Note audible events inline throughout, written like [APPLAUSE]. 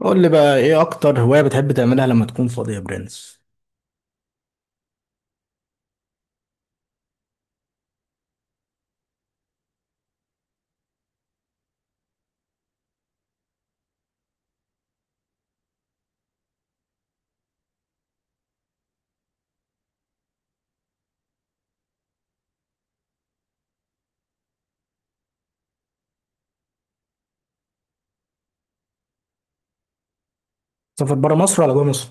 قول لي بقى ايه اكتر هواية بتحب تعملها لما تكون فاضي يا برنس؟ سفر برا مصر ولا جوه مصر؟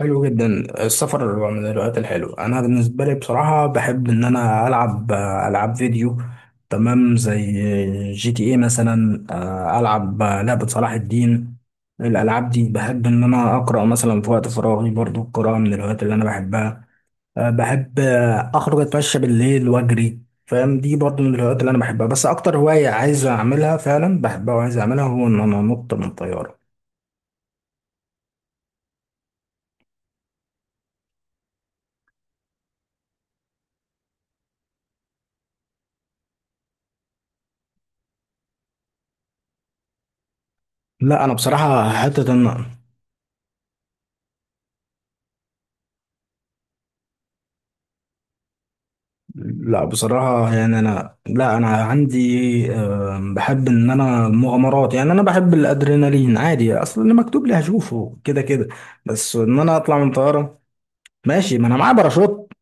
حلو جدا. السفر من الهوايات الحلوة، انا بالنسبة لي بصراحة بحب ان انا العب العاب فيديو، تمام، زي جي تي ايه مثلا. العب لعبة صلاح الدين. الالعاب دي بحب ان انا اقرا مثلا في وقت فراغي، برضو القراءة من الهوايات اللي انا بحبها. بحب اخرج اتمشى بالليل واجري، فاهم؟ دي برضو من الهوايات اللي انا بحبها، بس اكتر هواية عايز اعملها فعلا، بحبها وعايز اعملها، هو ان انا انط من طيارة. لا انا بصراحة حتة ان لا بصراحة يعني انا، لا انا عندي، بحب ان انا مغامرات، يعني انا بحب الادرينالين عادي، اصلا اللي مكتوب لي هشوفه كده كده. بس ان انا اطلع من طيارة. ماشي، ما انا معايا باراشوت.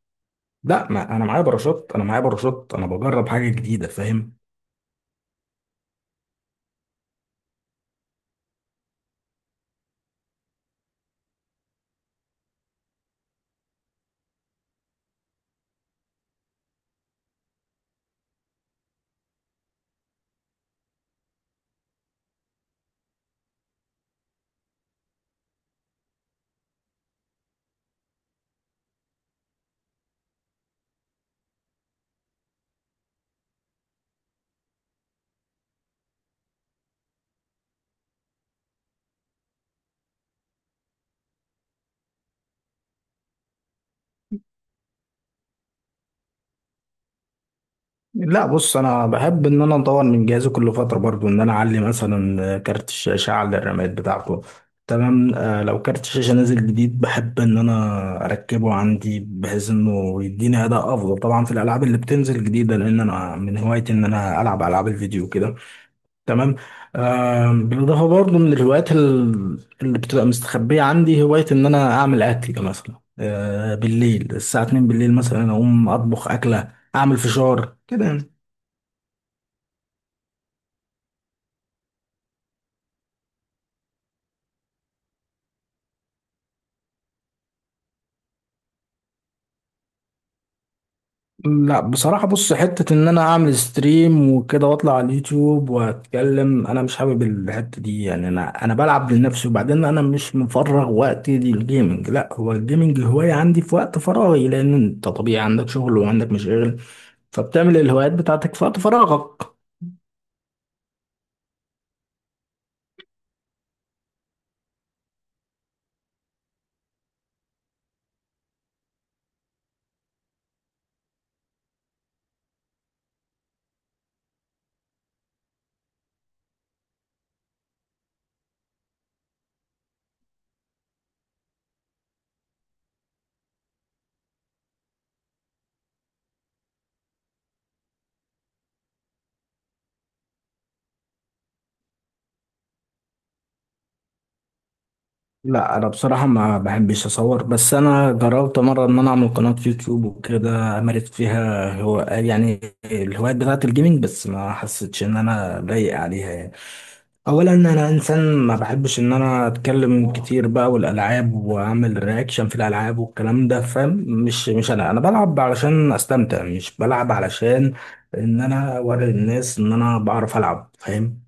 لا، ما انا معايا باراشوت، انا معايا باراشوت، انا بجرب حاجة جديدة، فاهم؟ لا بص، انا بحب ان انا اطور من جهازي كل فتره برضو، ان انا اعلي مثلا كارت الشاشه، اعلى الرامات بتاعته. تمام. لو كارت الشاشه نازل جديد، بحب ان انا اركبه عندي، بحيث انه يديني اداء افضل طبعا في الالعاب اللي بتنزل جديده، لان انا من هوايتي ان انا العب العاب الفيديو كده. تمام. بالاضافه برضو من الهوايات اللي بتبقى مستخبيه عندي، هوايه ان انا اعمل اكل مثلا، بالليل الساعه 2 بالليل مثلا، اقوم اطبخ اكله، اعمل فشار كده يعني. لا بصراحة، بص، حتة ان انا اعمل ستريم وكده واطلع على اليوتيوب واتكلم، انا مش حابب الحتة دي يعني. انا بلعب لنفسي، وبعدين انا مش مفرغ وقتي للجيمنج. لا، هو الجيمنج هواية عندي في وقت فراغي، لان انت طبيعي عندك شغل وعندك مشاغل، فبتعمل الهوايات بتاعتك في وقت فراغك. لا انا بصراحه ما بحبش اصور، بس انا جربت مره ان انا اعمل قناه يوتيوب وكده، مارست فيها هو يعني الهوايات بتاعه الجيمنج، بس ما حسيتش ان انا لايق عليها يعني. اولا انا انسان ما بحبش ان انا اتكلم كتير بقى والالعاب واعمل رياكشن في الالعاب والكلام ده، فاهم؟ مش انا بلعب علشان استمتع، مش بلعب علشان ان انا اوري الناس ان انا بعرف العب، فاهم؟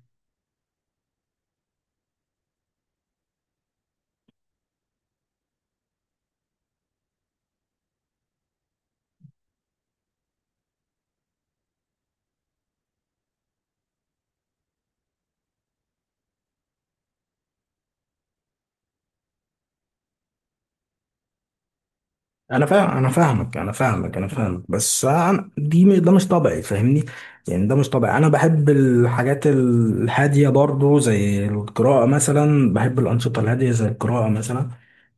انا فاهم، انا فاهمك انا فاهمك انا فاهمك، بس أنا دي ده مش طبيعي فاهمني. يعني ده مش طبيعي، انا بحب الحاجات الهاديه برضو، زي القراءه مثلا، بحب الانشطه الهاديه زي القراءه مثلا.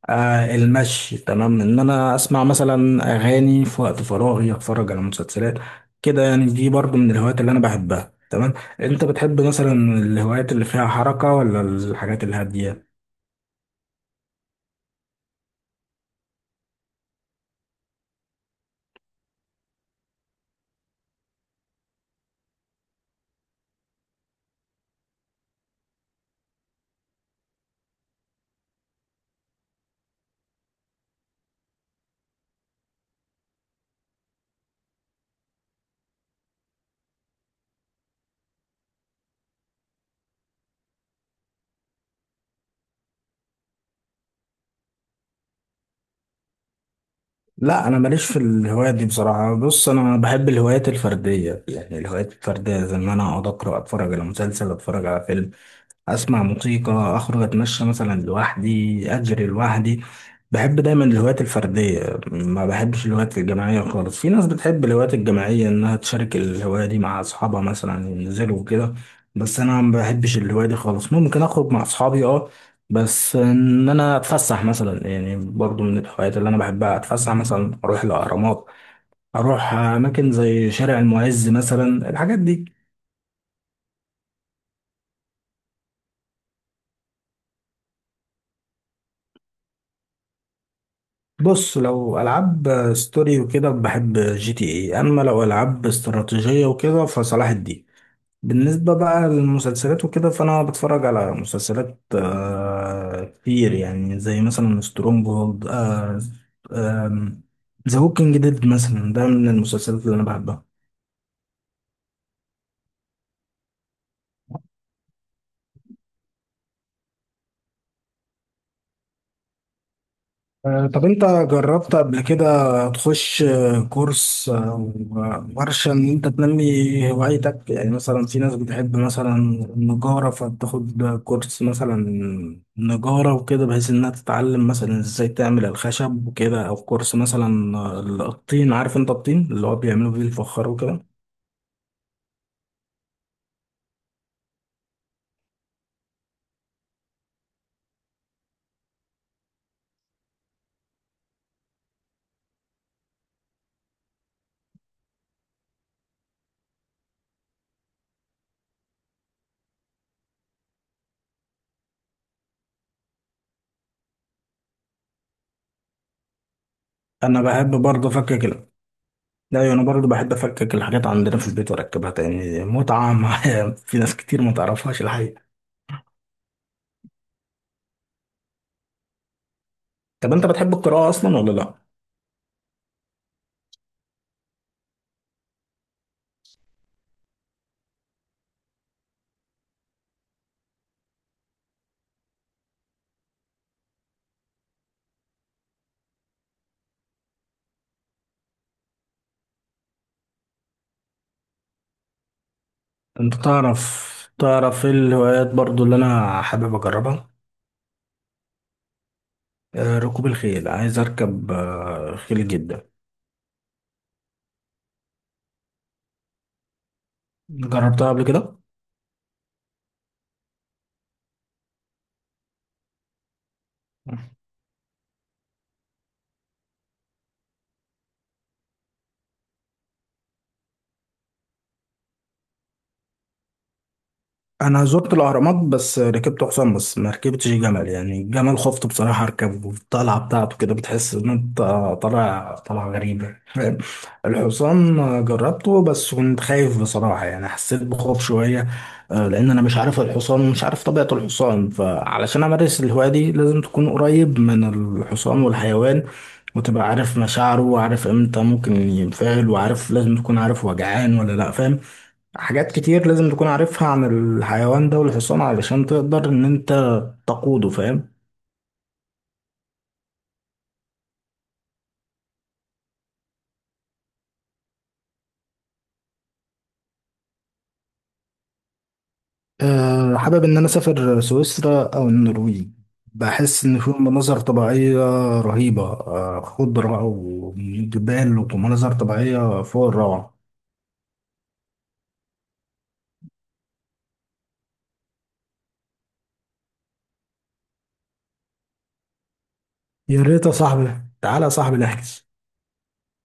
آه المشي، تمام، ان انا اسمع مثلا اغاني في وقت فراغي، اتفرج على مسلسلات كده يعني، دي برضو من الهوايات اللي انا بحبها تمام. انت بتحب مثلا الهوايات اللي فيها حركه ولا الحاجات الهاديه؟ لا انا ماليش في الهوايات دي بصراحه. بص، انا بحب الهوايات الفرديه يعني، الهوايات الفرديه زي ان انا اقعد اقرا، اتفرج على مسلسل، اتفرج على فيلم، اسمع موسيقى، اخرج اتمشى مثلا لوحدي، اجري لوحدي. بحب دايما الهوايات الفرديه، ما بحبش الهوايات الجماعيه خالص. في ناس بتحب الهوايات الجماعيه، انها تشارك الهوايه دي مع اصحابها مثلا، ينزلوا وكده، بس انا ما بحبش الهوايه دي خالص. ممكن اخرج مع اصحابي، اه، بس ان انا اتفسح مثلا، يعني برضو من الهوايات اللي انا بحبها، اتفسح مثلا، اروح الاهرامات، اروح اماكن زي شارع المعز مثلا، الحاجات دي. بص، لو العاب ستوري وكده بحب جي تي اي، اما لو العاب استراتيجيه وكده فصلاح الدين. بالنسبه بقى للمسلسلات وكده، فانا بتفرج على مسلسلات كتير يعني، زي مثلا سترونج هولد، ذا هوكينج ديد مثلا، ده من المسلسلات اللي انا بحبها. طب انت جربت قبل كده تخش كورس او ورشة ان انت تنمي هوايتك؟ يعني مثلا في ناس بتحب مثلا النجارة، فبتاخد كورس مثلا نجارة وكده، بحيث انها تتعلم مثلا ازاي تعمل الخشب وكده، او كورس مثلا الطين، عارف انت الطين اللي هو بيعملوا بيه الفخار وكده. انا بحب برضه افكك لا ايوه، انا برضه بحب افكك الحاجات عندنا في البيت واركبها تاني، متعة معايا [LAUGHS] في ناس كتير ما تعرفهاش الحقيقة. طب انت بتحب القراءة اصلا ولا لا؟ انت تعرف، تعرف ايه الهوايات برضو اللي انا حابب اجربها؟ ركوب الخيل، عايز اركب خيل جدا. جربتها قبل كده؟ انا زرت الاهرامات بس ركبت حصان، بس ما ركبتش جمل يعني. الجمل خفت بصراحه اركبه، الطلعه بتاعته كده بتحس ان انت طالع طلعه غريبه، فاهم؟ الحصان جربته بس كنت خايف بصراحه يعني، حسيت بخوف شويه. لان انا مش عارف الحصان ومش عارف طبيعه الحصان، فعلشان امارس الهوايه دي لازم تكون قريب من الحصان والحيوان، وتبقى عارف مشاعره، وعارف امتى ممكن ينفعل، وعارف لازم تكون عارف هو جعان ولا لا، فاهم؟ حاجات كتير لازم تكون عارفها عن الحيوان ده والحصان، علشان تقدر ان انت تقوده، فاهم؟ أه حابب ان انا اسافر سويسرا او النرويج، بحس ان فيهم مناظر طبيعية رهيبة، أه، خضرة وجبال ومناظر طبيعية فوق الروعة. يا ريت يا صاحبي، تعالى يا صاحبي نحجز.